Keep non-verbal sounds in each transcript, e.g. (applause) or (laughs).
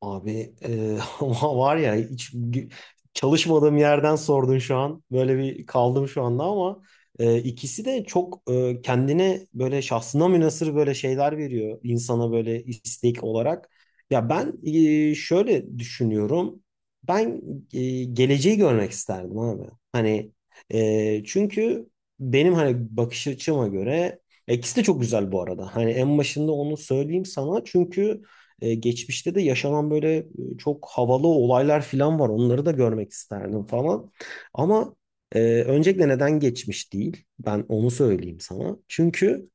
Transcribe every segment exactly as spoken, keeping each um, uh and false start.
Abi, e, (laughs) ama var ya hiç gü- çalışmadığım yerden sordun şu an. Böyle bir kaldım şu anda ama e, ikisi de çok e, kendine böyle şahsına münhasır böyle şeyler veriyor insana böyle istek olarak. Ya ben e, şöyle düşünüyorum. Ben e, geleceği görmek isterdim abi. Hani e, çünkü benim hani bakış açıma göre e, ikisi de çok güzel bu arada. Hani en başında onu söyleyeyim sana çünkü e, geçmişte de yaşanan böyle e, çok havalı olaylar falan var. Onları da görmek isterdim falan. Ama e, öncelikle neden geçmiş değil? Ben onu söyleyeyim sana. Çünkü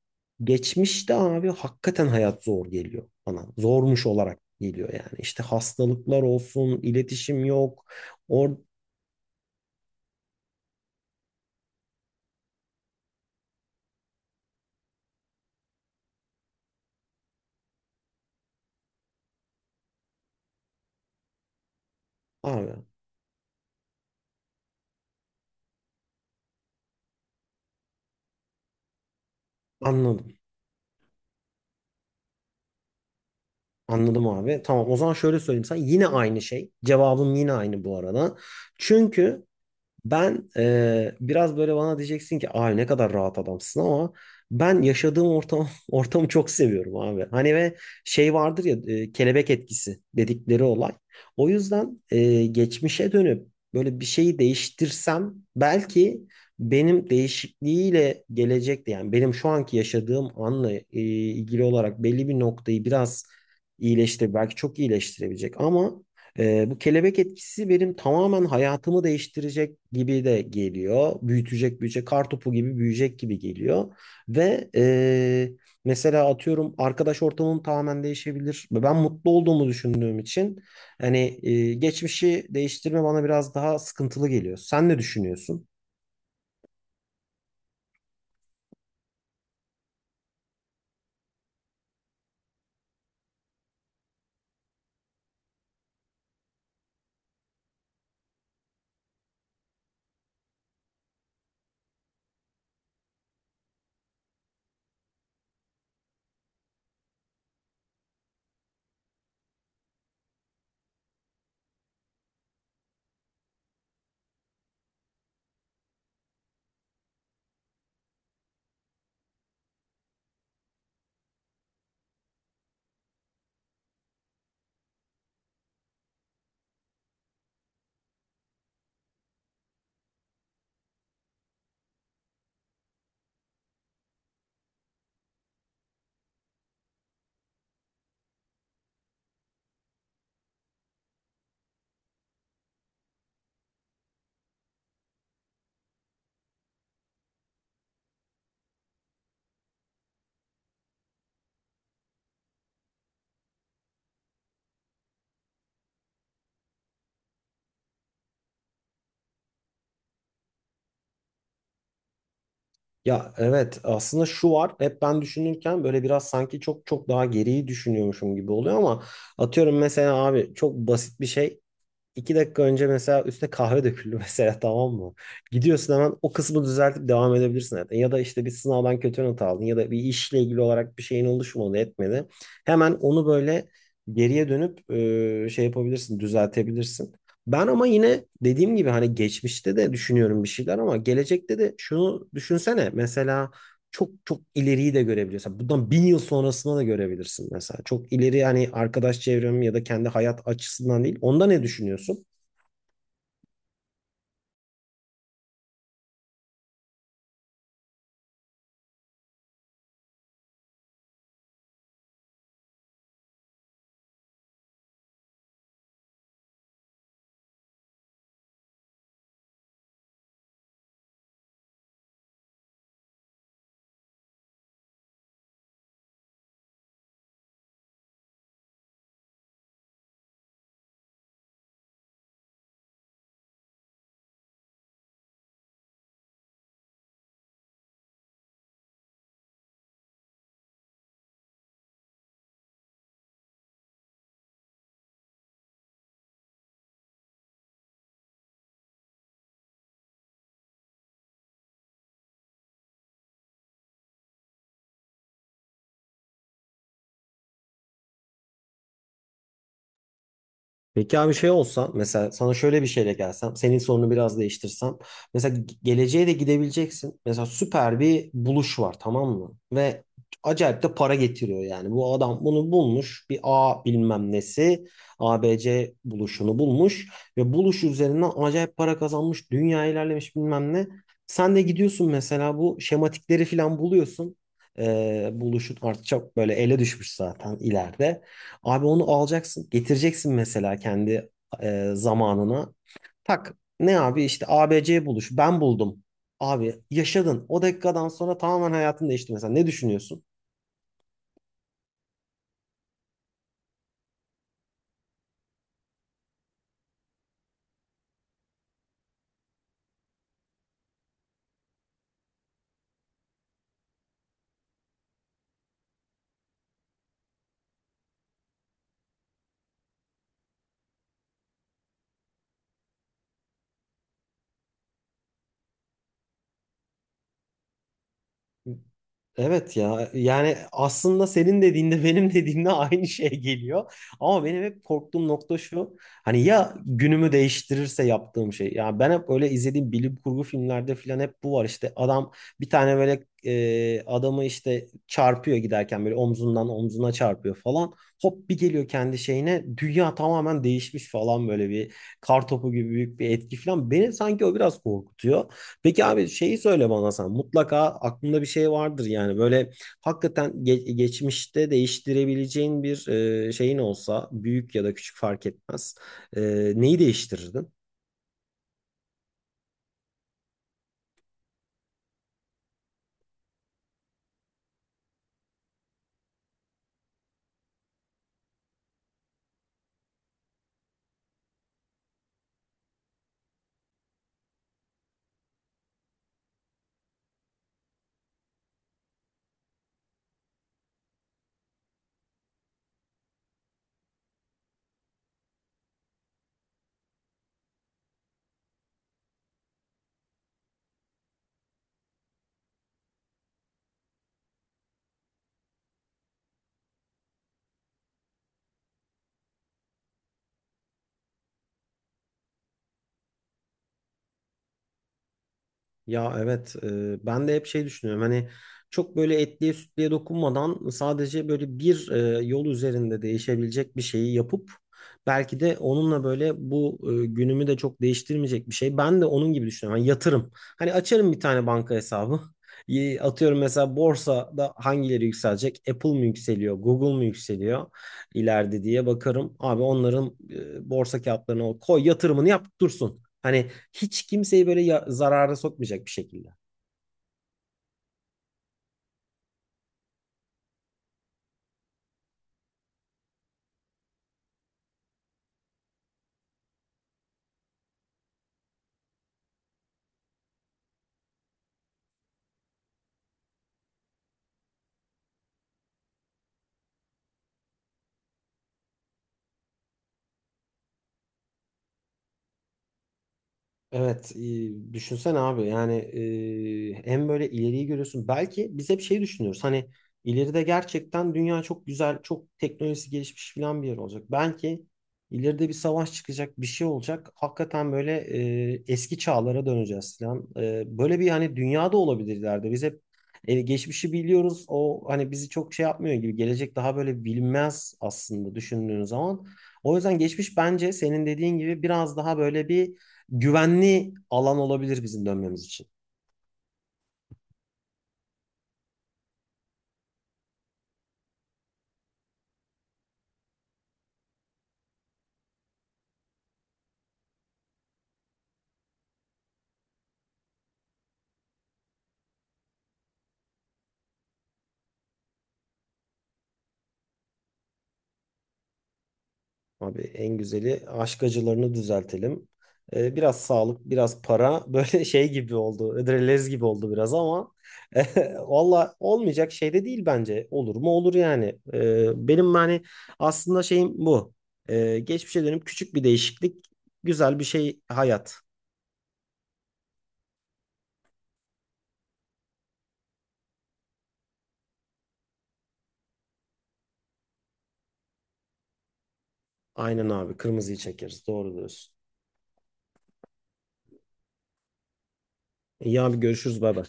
geçmişte abi hakikaten hayat zor geliyor bana. Zormuş olarak geliyor yani. İşte hastalıklar olsun, iletişim yok. Or Abi anladım. Anladım abi. Tamam, o zaman şöyle söyleyeyim sana. Yine aynı şey. Cevabım yine aynı bu arada. Çünkü Ben eee, biraz böyle bana diyeceksin ki ay ne kadar rahat adamsın, ama ben yaşadığım ortam (laughs) ortamı çok seviyorum abi. Hani ve şey vardır ya, e, kelebek etkisi dedikleri olay. O yüzden e, geçmişe dönüp böyle bir şeyi değiştirsem, belki benim değişikliğiyle gelecekte, yani benim şu anki yaşadığım anla e, ilgili olarak belli bir noktayı biraz iyileştir, belki çok iyileştirebilecek, ama ee, bu kelebek etkisi benim tamamen hayatımı değiştirecek gibi de geliyor. Büyütecek, büyüyecek, kartopu gibi büyüyecek gibi geliyor. Ve e, mesela atıyorum, arkadaş ortamım tamamen değişebilir. Ve Ben mutlu olduğumu düşündüğüm için hani e, geçmişi değiştirme bana biraz daha sıkıntılı geliyor. Sen ne düşünüyorsun? Ya evet, aslında şu var, hep ben düşünürken böyle biraz sanki çok çok daha geriyi düşünüyormuşum gibi oluyor, ama atıyorum mesela abi, çok basit bir şey. iki dakika önce mesela üstüne kahve döküldü (laughs) mesela, tamam mı? Gidiyorsun, hemen o kısmı düzeltip devam edebilirsin. zaten. Ya da işte bir sınavdan kötü not aldın, ya da bir işle ilgili olarak bir şeyin oluşmadı, etmedi. Hemen onu böyle geriye dönüp e, şey yapabilirsin, düzeltebilirsin. Ben ama yine dediğim gibi hani geçmişte de düşünüyorum bir şeyler, ama gelecekte de şunu düşünsene. Mesela çok çok ileriyi de görebiliyorsun. Bundan bin yıl sonrasına da görebilirsin mesela. Çok ileri yani, arkadaş çevrem ya da kendi hayat açısından değil. Onda ne düşünüyorsun? Peki abi, şey olsan mesela, sana şöyle bir şeyle gelsem, senin sorunu biraz değiştirsem, mesela ge- geleceğe de gidebileceksin. Mesela süper bir buluş var, tamam mı, ve acayip de para getiriyor. Yani bu adam bunu bulmuş, bir A bilmem nesi, A B C buluşunu bulmuş ve buluş üzerinden acayip para kazanmış, dünya ilerlemiş bilmem ne. Sen de gidiyorsun mesela, bu şematikleri falan buluyorsun. Ee, buluşun artık çok böyle ele düşmüş zaten ileride. Abi onu alacaksın, getireceksin mesela kendi e, zamanına. Tak ne abi, işte A B A B C buluş, ben buldum. Abi yaşadın. O dakikadan sonra tamamen hayatın değişti mesela. Ne düşünüyorsun? Evet ya, yani aslında senin dediğinde (laughs) benim dediğimde aynı şey geliyor. Ama benim hep korktuğum nokta şu. Hani ya günümü değiştirirse yaptığım şey. Ya ben hep öyle izlediğim bilim kurgu filmlerde falan hep bu var. İşte adam bir tane böyle e, adamı, işte çarpıyor giderken, böyle omzundan omzuna çarpıyor falan. Hop bir geliyor kendi şeyine, dünya tamamen değişmiş falan, böyle bir kar topu gibi büyük bir etki falan. Beni sanki o biraz korkutuyor. Peki abi, şeyi söyle bana sen. Mutlaka aklında bir şey vardır yani. Böyle hakikaten ge- geçmişte değiştirebileceğin bir e, şeyin olsa, büyük ya da küçük fark etmez. E, Neyi değiştirirdin? Ya evet, e, ben de hep şey düşünüyorum, hani çok böyle etliye sütlüye dokunmadan, sadece böyle bir e, yol üzerinde değişebilecek bir şeyi yapıp, belki de onunla böyle bu e, günümü de çok değiştirmeyecek bir şey. Ben de onun gibi düşünüyorum. Hani yatırım. Hani açarım bir tane banka hesabı. (laughs) Y- Atıyorum mesela, borsada hangileri yükselecek? Apple mı yükseliyor? Google mu yükseliyor ileride diye bakarım. Abi onların e, borsa kağıtlarına koy yatırımını, yap dursun. Hani hiç kimseyi böyle ya- zarara sokmayacak bir şekilde. Evet, e, düşünsene abi, yani e, hem böyle ileriyi görüyorsun. Belki biz hep şey düşünüyoruz, hani ileride gerçekten dünya çok güzel, çok teknolojisi gelişmiş falan bir yer olacak. Belki ileride bir savaş çıkacak, bir şey olacak. Hakikaten böyle e, eski çağlara döneceğiz falan. E, böyle bir hani dünyada olabilir ileride. Biz hep e, geçmişi biliyoruz. O hani bizi çok şey yapmıyor gibi. Gelecek daha böyle bilinmez aslında düşündüğün zaman. O yüzden geçmiş, bence senin dediğin gibi, biraz daha böyle bir güvenli alan olabilir bizim dönmemiz için. Abi en güzeli, aşk acılarını düzeltelim. Ee, biraz sağlık, biraz para, (laughs) böyle şey gibi oldu. Ödrelez gibi oldu biraz ama, (laughs) eh, valla olmayacak şey de değil bence. Olur mu, olur yani. Ee, benim hani aslında şeyim bu. Ee, geçmişe dönüp küçük bir değişiklik, güzel bir şey hayat. Aynen abi, kırmızıyı çekeriz. Doğru diyorsun. İyi abi, görüşürüz, bay bay.